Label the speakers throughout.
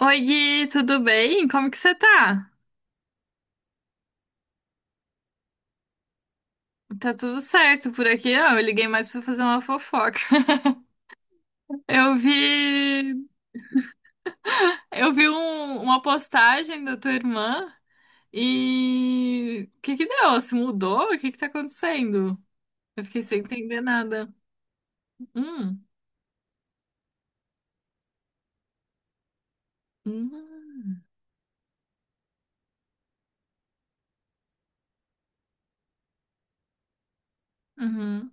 Speaker 1: Oi, Gui, tudo bem? Como que você tá? Tá tudo certo por aqui? Ah, eu liguei mais pra fazer uma fofoca. Eu vi, eu vi uma postagem da tua irmã e o que que deu? Ela se mudou? O que que tá acontecendo? Eu fiquei sem entender nada. Hum. Hum. Uhum.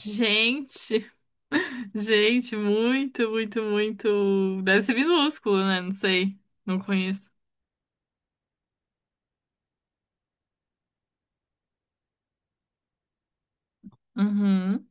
Speaker 1: Gente, gente, muito, muito, muito. Deve ser minúsculo, né? Não sei, não conheço. Uhum.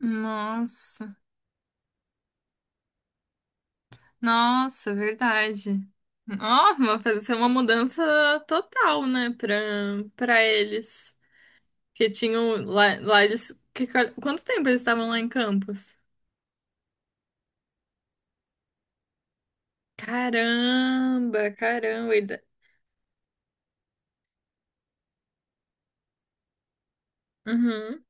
Speaker 1: Nossa. Nossa, verdade. Nossa, vai fazer uma mudança total, né, pra, pra eles. Que tinham lá, lá eles. Que, quanto tempo eles estavam lá em Campos? Caramba, caramba. Uhum.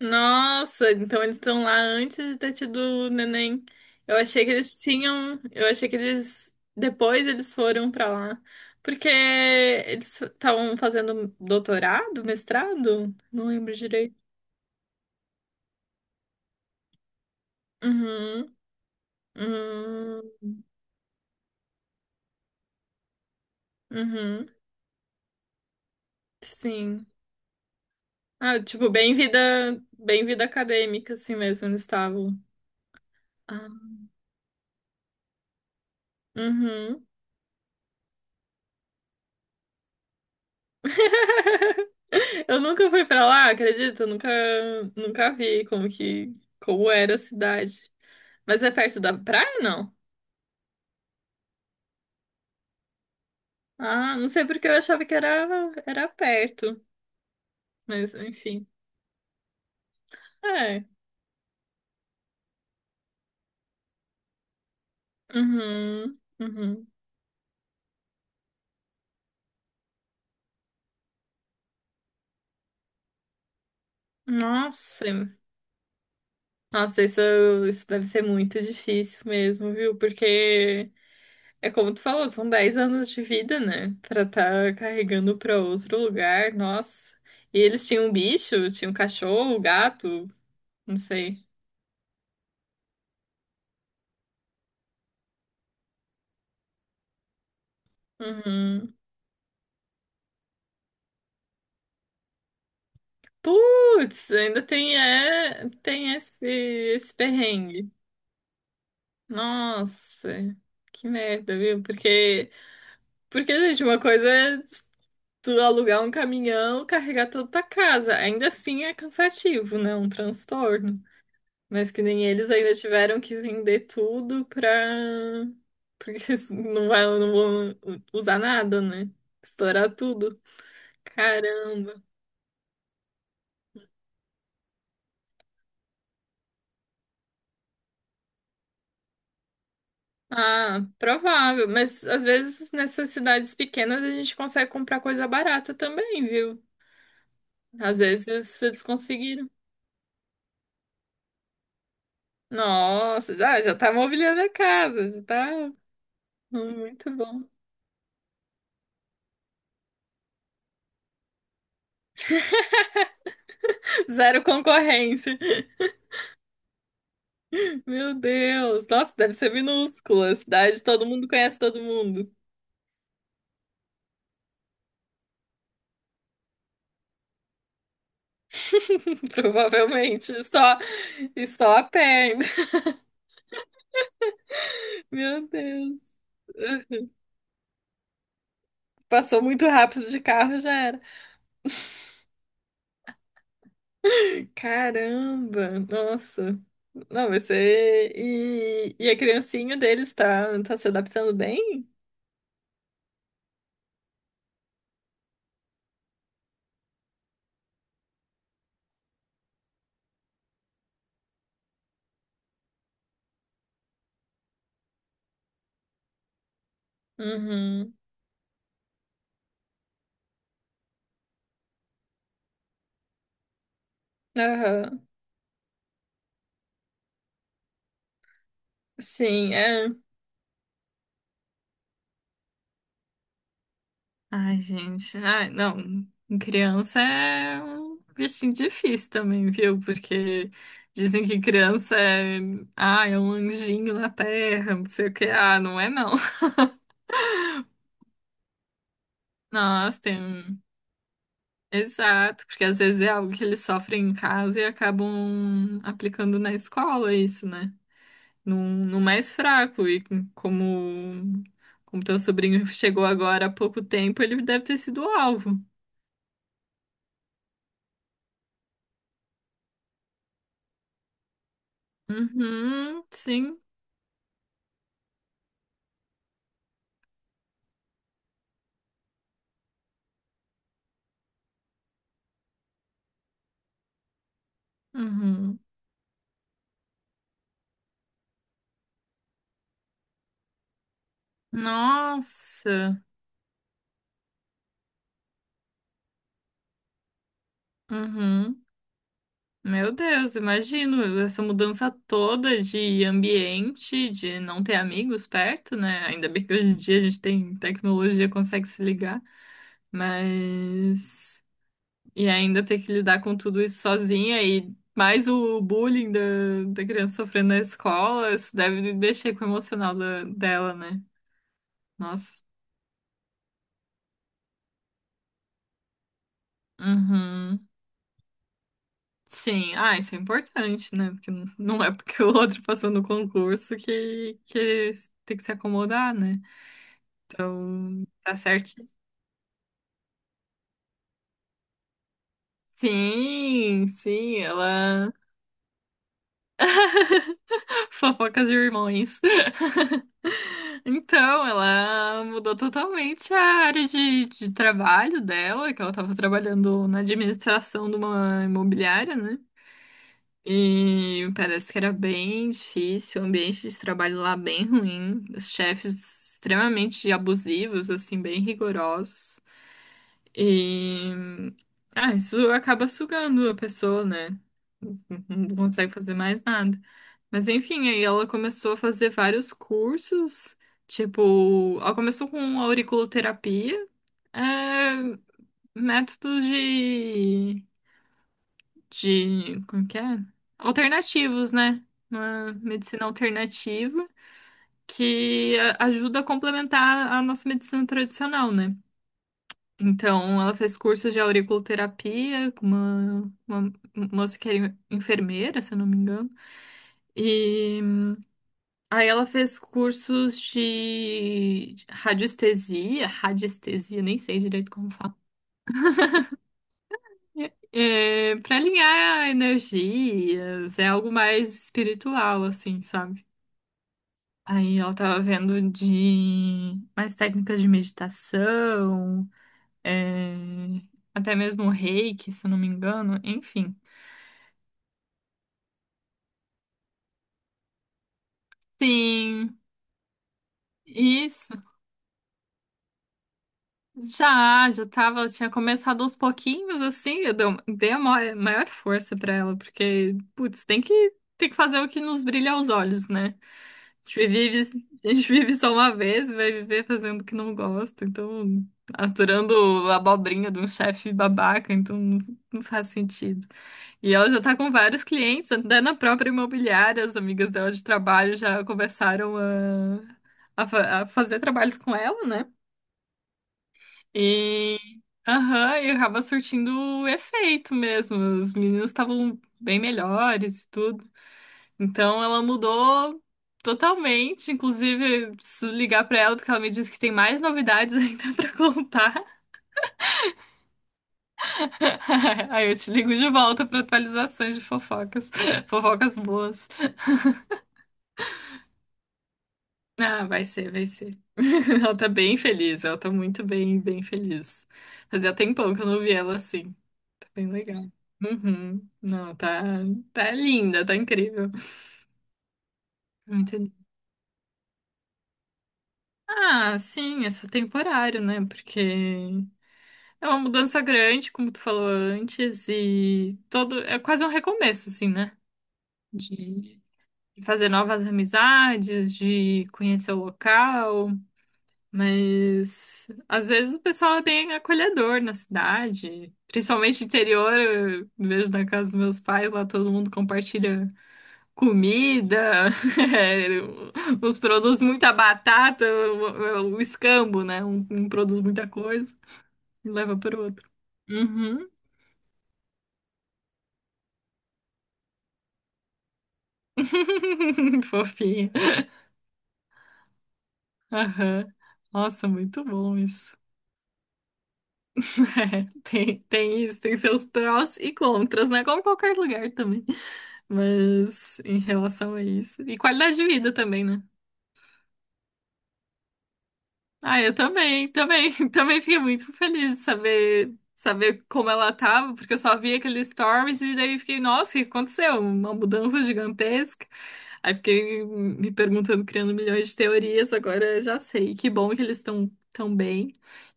Speaker 1: Nossa, então eles estão lá antes de ter tido o neném. Eu achei que eles tinham. Eu achei que eles. Depois eles foram pra lá. Porque eles estavam fazendo doutorado, mestrado? Não lembro. Uhum. Uhum. Uhum. Sim. Ah, tipo, bem vida acadêmica, assim mesmo, eles estavam. Ah, uhum. Eu nunca fui pra lá, acredito, nunca, nunca vi como que, como era a cidade. Mas é perto da praia, não? Ah, não sei porque eu achava que era perto, mas enfim. É. Uhum, uhum. Nossa, nossa, isso deve ser muito difícil mesmo, viu? Porque é como tu falou, são 10 anos de vida, né? Pra tá carregando pra outro lugar, nossa. E eles tinham um bicho, tinham um cachorro, um gato, não sei. Uhum. Putz, ainda tem, é, tem esse, esse perrengue. Nossa, que merda, viu? Porque, gente, uma coisa é tu alugar um caminhão, carregar toda a tua casa. Ainda assim é cansativo, né? Um transtorno. Mas que nem eles ainda tiveram que vender tudo pra. Porque não vai, não vão usar nada, né? Estourar tudo. Caramba. Ah, provável. Mas às vezes nessas cidades pequenas a gente consegue comprar coisa barata também, viu? Às vezes eles conseguiram. Nossa, já, já tá mobiliando a casa, já tá muito bom. Zero concorrência. Meu Deus, nossa, deve ser minúscula. Cidade, todo mundo conhece todo mundo. Provavelmente, só, e só a pé. Ainda. Meu Deus. Passou muito rápido de carro, já era. Caramba, nossa. Não, você. E a criancinha deles tá se adaptando bem? Uhum. Aham. Sim, é. Ai, gente. Ai, não. Criança é um bichinho difícil também, viu? Porque dizem que criança é. Ah, é um anjinho na terra, não sei o que. Ah, não é não. Nossa, tem... Exato, porque às vezes é algo que eles sofrem em casa e acabam aplicando na escola isso, né? No, no mais fraco. E como, como teu sobrinho chegou agora há pouco tempo, ele deve ter sido o alvo. Uhum, sim. Uhum. Nossa. Uhum. Meu Deus, imagino essa mudança toda de ambiente, de não ter amigos perto, né? Ainda bem que hoje em dia a gente tem tecnologia, consegue se ligar. Mas. E ainda ter que lidar com tudo isso sozinha e mais o bullying da criança sofrendo na escola, isso deve mexer com o emocional dela, né? Nossa. Uhum. Sim, ah, isso é importante, né? Porque não é porque o outro passou no concurso que tem que se acomodar, né? Então, tá certo. Sim, sim, ela. Fofocas de irmãos. Então, ela mudou totalmente a área de trabalho dela, que ela estava trabalhando na administração de uma imobiliária, né? E parece que era bem difícil, o ambiente de trabalho lá bem ruim, os chefes extremamente abusivos, assim, bem rigorosos. E ah, isso acaba sugando a pessoa, né? Não consegue fazer mais nada. Mas enfim, aí ela começou a fazer vários cursos, tipo, ela começou com auriculoterapia, é, métodos de, como que é? Alternativos, né? Uma medicina alternativa que ajuda a complementar a nossa medicina tradicional, né? Então, ela fez curso de auriculoterapia com uma moça que era enfermeira, se eu não me engano. E aí ela fez cursos de radiestesia, radiestesia, nem sei direito como fala. É, para alinhar energias, é algo mais espiritual, assim, sabe? Aí ela tava vendo de mais técnicas de meditação, é, até mesmo reiki, se eu não me engano, enfim. Sim. E, já, já tava, tinha começado aos pouquinhos, assim, eu dei a maior, maior força pra ela, porque, putz, tem que, fazer o que nos brilha aos olhos, né? A gente vive, só uma vez, e vai viver fazendo o que não gosta, então, aturando a abobrinha de um chefe babaca, então não, não faz sentido. E ela já tá com vários clientes, até na própria imobiliária, as amigas dela de trabalho já começaram a fazer trabalhos com ela, né? E, aham, e acaba surtindo efeito mesmo. Os meninos estavam bem melhores e tudo. Então ela mudou totalmente. Inclusive, preciso ligar pra ela porque ela me disse que tem mais novidades ainda pra contar. Aí eu te ligo de volta pra atualizações de fofocas. Fofocas boas. Ah, vai ser, vai ser. Ela tá bem feliz, ela tá muito bem, bem feliz. Fazia tempão que eu não vi ela assim. Tá bem legal. Uhum. Não, tá linda, tá incrível. Muito linda. Ah, sim, é só temporário, né? Porque é uma mudança grande, como tu falou antes, e todo é quase um recomeço, assim, né? De fazer novas amizades, de conhecer o local. Mas às vezes o pessoal é bem acolhedor na cidade, principalmente interior. Eu vejo na casa dos meus pais, lá todo mundo compartilha comida, é, os produtos muita batata, o escambo, né? Um produz muita coisa e leva pro outro. Uhum. Fofinha. Aham. Nossa, muito bom isso. É, tem isso, tem seus prós e contras, né? Como qualquer lugar também. Mas em relação a isso. E qualidade de vida também, né? Ah, eu também, também, também fiquei muito feliz de saber como ela tava, porque eu só vi aqueles stories e daí fiquei, nossa, o que aconteceu? Uma mudança gigantesca. Aí fiquei me perguntando, criando milhões de teorias, agora eu já sei. Que bom que eles estão tão tão bem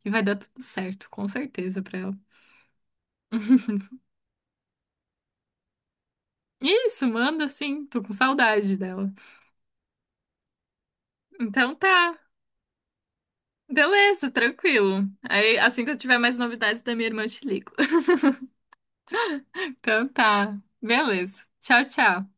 Speaker 1: e vai dar tudo certo, com certeza, pra ela. Isso, manda sim, tô com saudade dela. Então tá, beleza, tranquilo. Aí assim que eu tiver mais novidades da minha irmã, eu te ligo. Então tá, beleza. Tchau, tchau.